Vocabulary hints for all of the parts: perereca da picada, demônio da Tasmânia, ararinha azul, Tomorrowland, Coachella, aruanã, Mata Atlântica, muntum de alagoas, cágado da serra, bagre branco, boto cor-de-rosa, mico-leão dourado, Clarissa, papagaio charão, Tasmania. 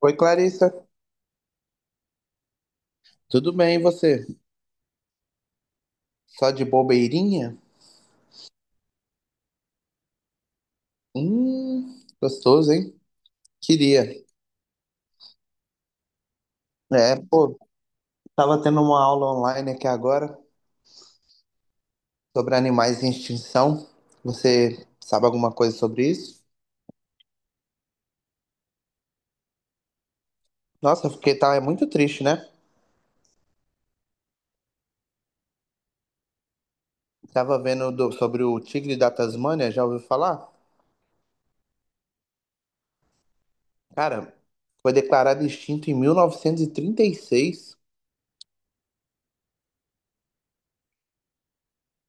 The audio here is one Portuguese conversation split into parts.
Oi, Clarissa. Tudo bem, e você? Só de bobeirinha? Gostoso, hein? Queria. É, pô, tava tendo uma aula online aqui agora sobre animais em extinção. Você sabe alguma coisa sobre isso? Nossa, porque fiquei, tá, é muito triste, né? Tava vendo sobre o tigre da Tasmânia, já ouviu falar? Cara, foi declarado extinto em 1936.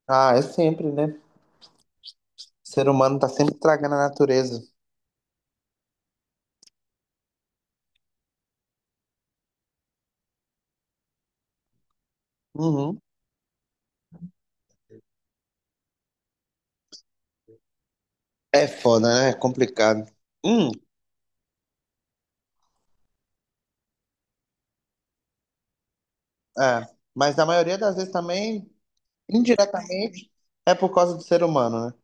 Ah, é sempre, né? O ser humano tá sempre estragando a natureza. Uhum. É foda, né? É complicado. Hum, é. Mas na maioria das vezes também, indiretamente, é por causa do ser humano, né?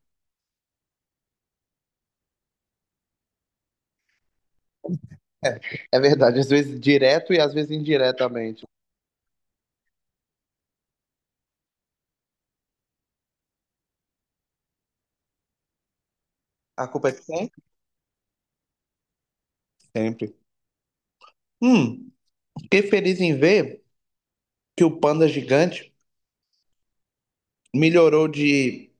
É verdade, às vezes direto e às vezes indiretamente. A culpa é de quem? Sempre. Hum, Fiquei feliz em ver que o panda gigante melhorou de,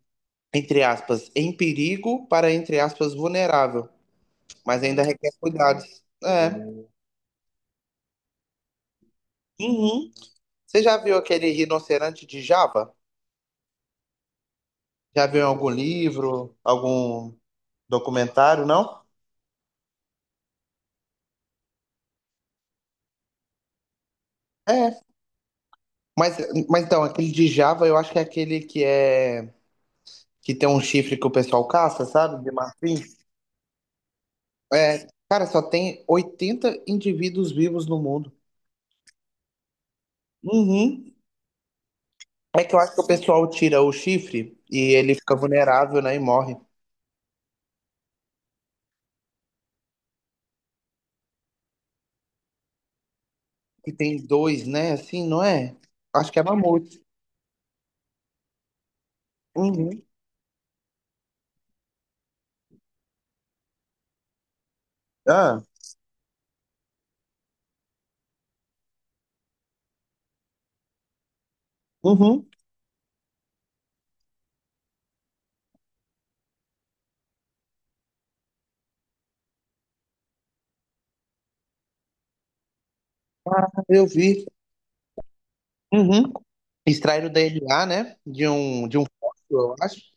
entre aspas, em perigo para, entre aspas, vulnerável. Mas ainda requer cuidados. É. Uhum. Você já viu aquele rinoceronte de Java? Já viu em algum livro, algum documentário, não? É, mas, mas então, aquele de Java eu acho que é aquele que é que tem um chifre que o pessoal caça, sabe? De marfim. É, cara, só tem 80 indivíduos vivos no mundo. Uhum. É que eu acho que o pessoal tira o chifre e ele fica vulnerável, né? E morre. E tem dois, né? Assim, não é? Acho que é mamute. Uhum. Ah, uhum. Eu vi. Uhum. Extraíram o DNA, né? De um fóssil, eu acho.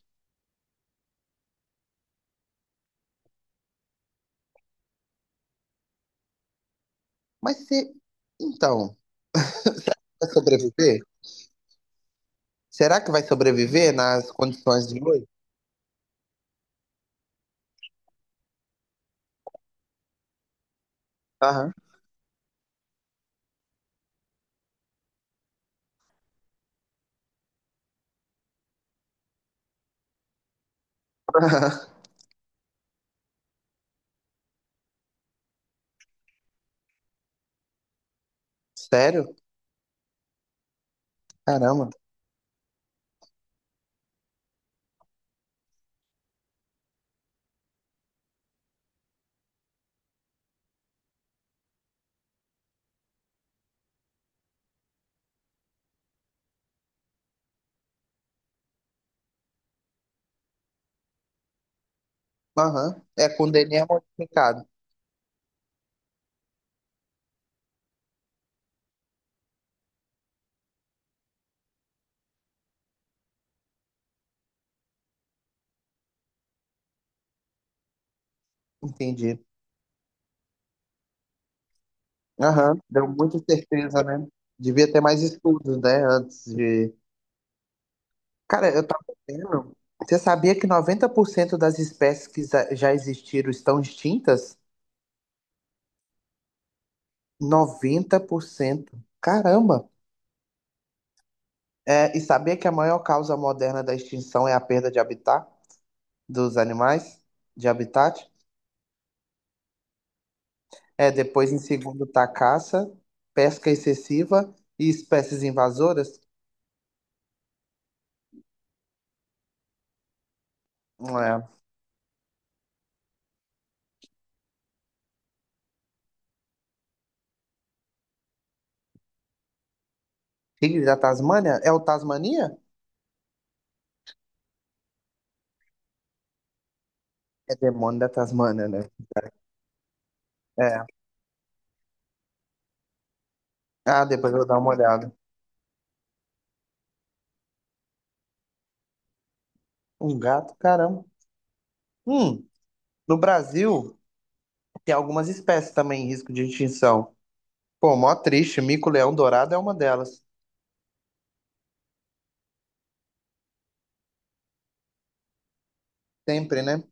Mas você. Então, vai sobreviver? Será que vai sobreviver nas condições de hoje? Aham. Sério? Caramba. Aham. É com DNA modificado. Entendi. Aham. Deu muita certeza, né? Devia ter mais estudos, né? Antes de. Cara, eu tava vendo. Você sabia que 90% das espécies que já existiram estão extintas? 90%. Caramba! É, e sabia que a maior causa moderna da extinção é a perda de habitat dos animais? De habitat? É, depois em segundo tá caça, pesca excessiva e espécies invasoras. É. Tigre da Tasmânia? É o Tasmania? É demônio da Tasmânia, né? É. Ah, depois eu vou dar uma olhada. Um gato, caramba. Hum, no Brasil tem algumas espécies também em risco de extinção. Pô, mó triste, mico-leão dourado é uma delas. Sempre, né?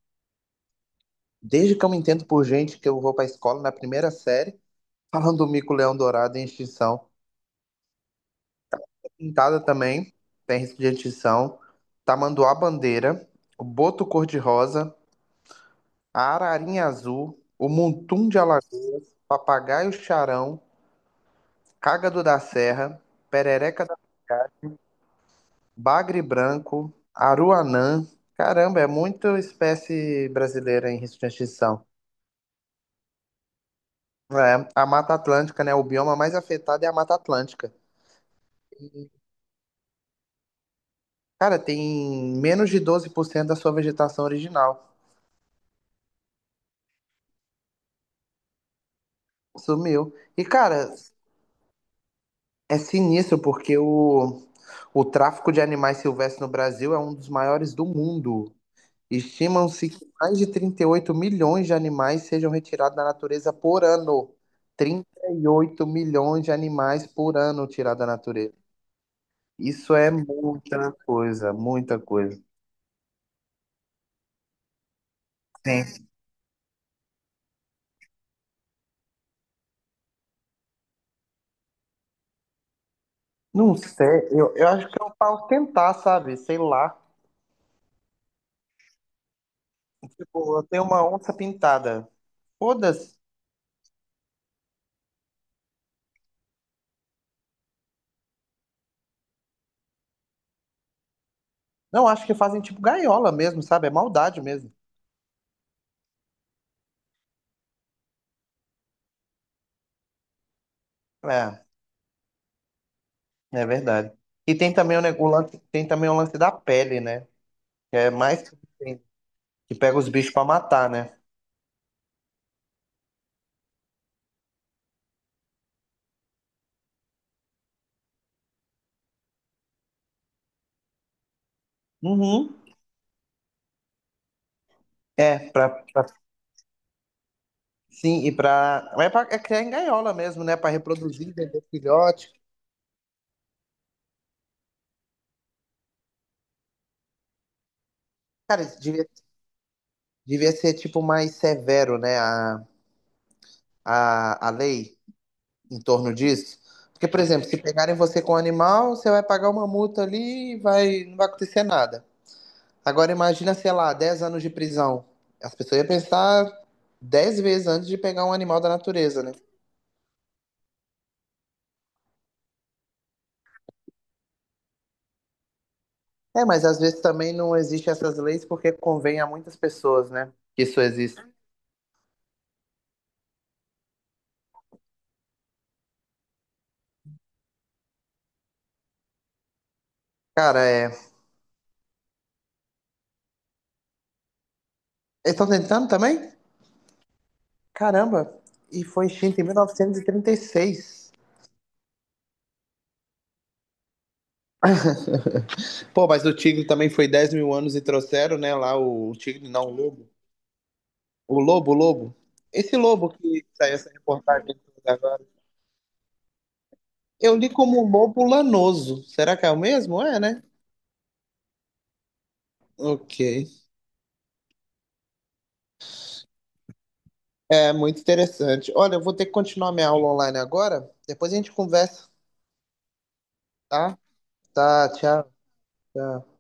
Desde que eu me entendo por gente que eu vou pra escola na primeira série, falando do mico-leão dourado em extinção. Pintada também, tem risco de extinção. Tamanduá bandeira, o boto cor-de-rosa, a ararinha azul, o muntum de Alagoas, papagaio charão, cágado da serra, perereca da picada, bagre branco, aruanã. Caramba, é muita espécie brasileira em risco de extinção. É, a Mata Atlântica, né? O bioma mais afetado é a Mata Atlântica. Cara, tem menos de 12% da sua vegetação original. Sumiu. E, cara, é sinistro porque o tráfico de animais silvestres no Brasil é um dos maiores do mundo. Estimam-se que mais de 38 milhões de animais sejam retirados da natureza por ano. 38 milhões de animais por ano tirados da natureza. Isso é muita coisa, muita coisa. Sim. Não sei, eu acho que eu posso tentar, sabe? Sei lá. Tipo, eu tenho uma onça pintada. Foda-se. Não, acho que fazem tipo gaiola mesmo, sabe? É maldade mesmo. É. É verdade. E tem também o lance, tem também o lance da pele, né? Que é mais que tem, que pega os bichos pra matar, né? Uhum. É, sim, e pra. É, pra, é criar em gaiola mesmo, né? Pra reproduzir, vender filhote. Cara, isso devia ser tipo mais severo, né? A lei em torno disso. Porque, por exemplo, se pegarem você com um animal, você vai pagar uma multa ali e vai, não vai acontecer nada. Agora imagina, sei lá, 10 anos de prisão. As pessoas iam pensar 10 vezes antes de pegar um animal da natureza, né? É, mas às vezes também não existem essas leis porque convém a muitas pessoas, né? Que isso existe. Cara, é. Eles estão tentando também? Caramba! E foi extinto em 1936. Pô, mas o tigre também foi 10 mil anos e trouxeram, né? Lá o tigre, não, o lobo. O lobo, o lobo. Esse lobo que saiu essa reportagem toda agora. Eu li como lobo lanoso. Será que é o mesmo? É, né? Ok. É muito interessante. Olha, eu vou ter que continuar minha aula online agora. Depois a gente conversa, tá? Tá, tchau. Tchau.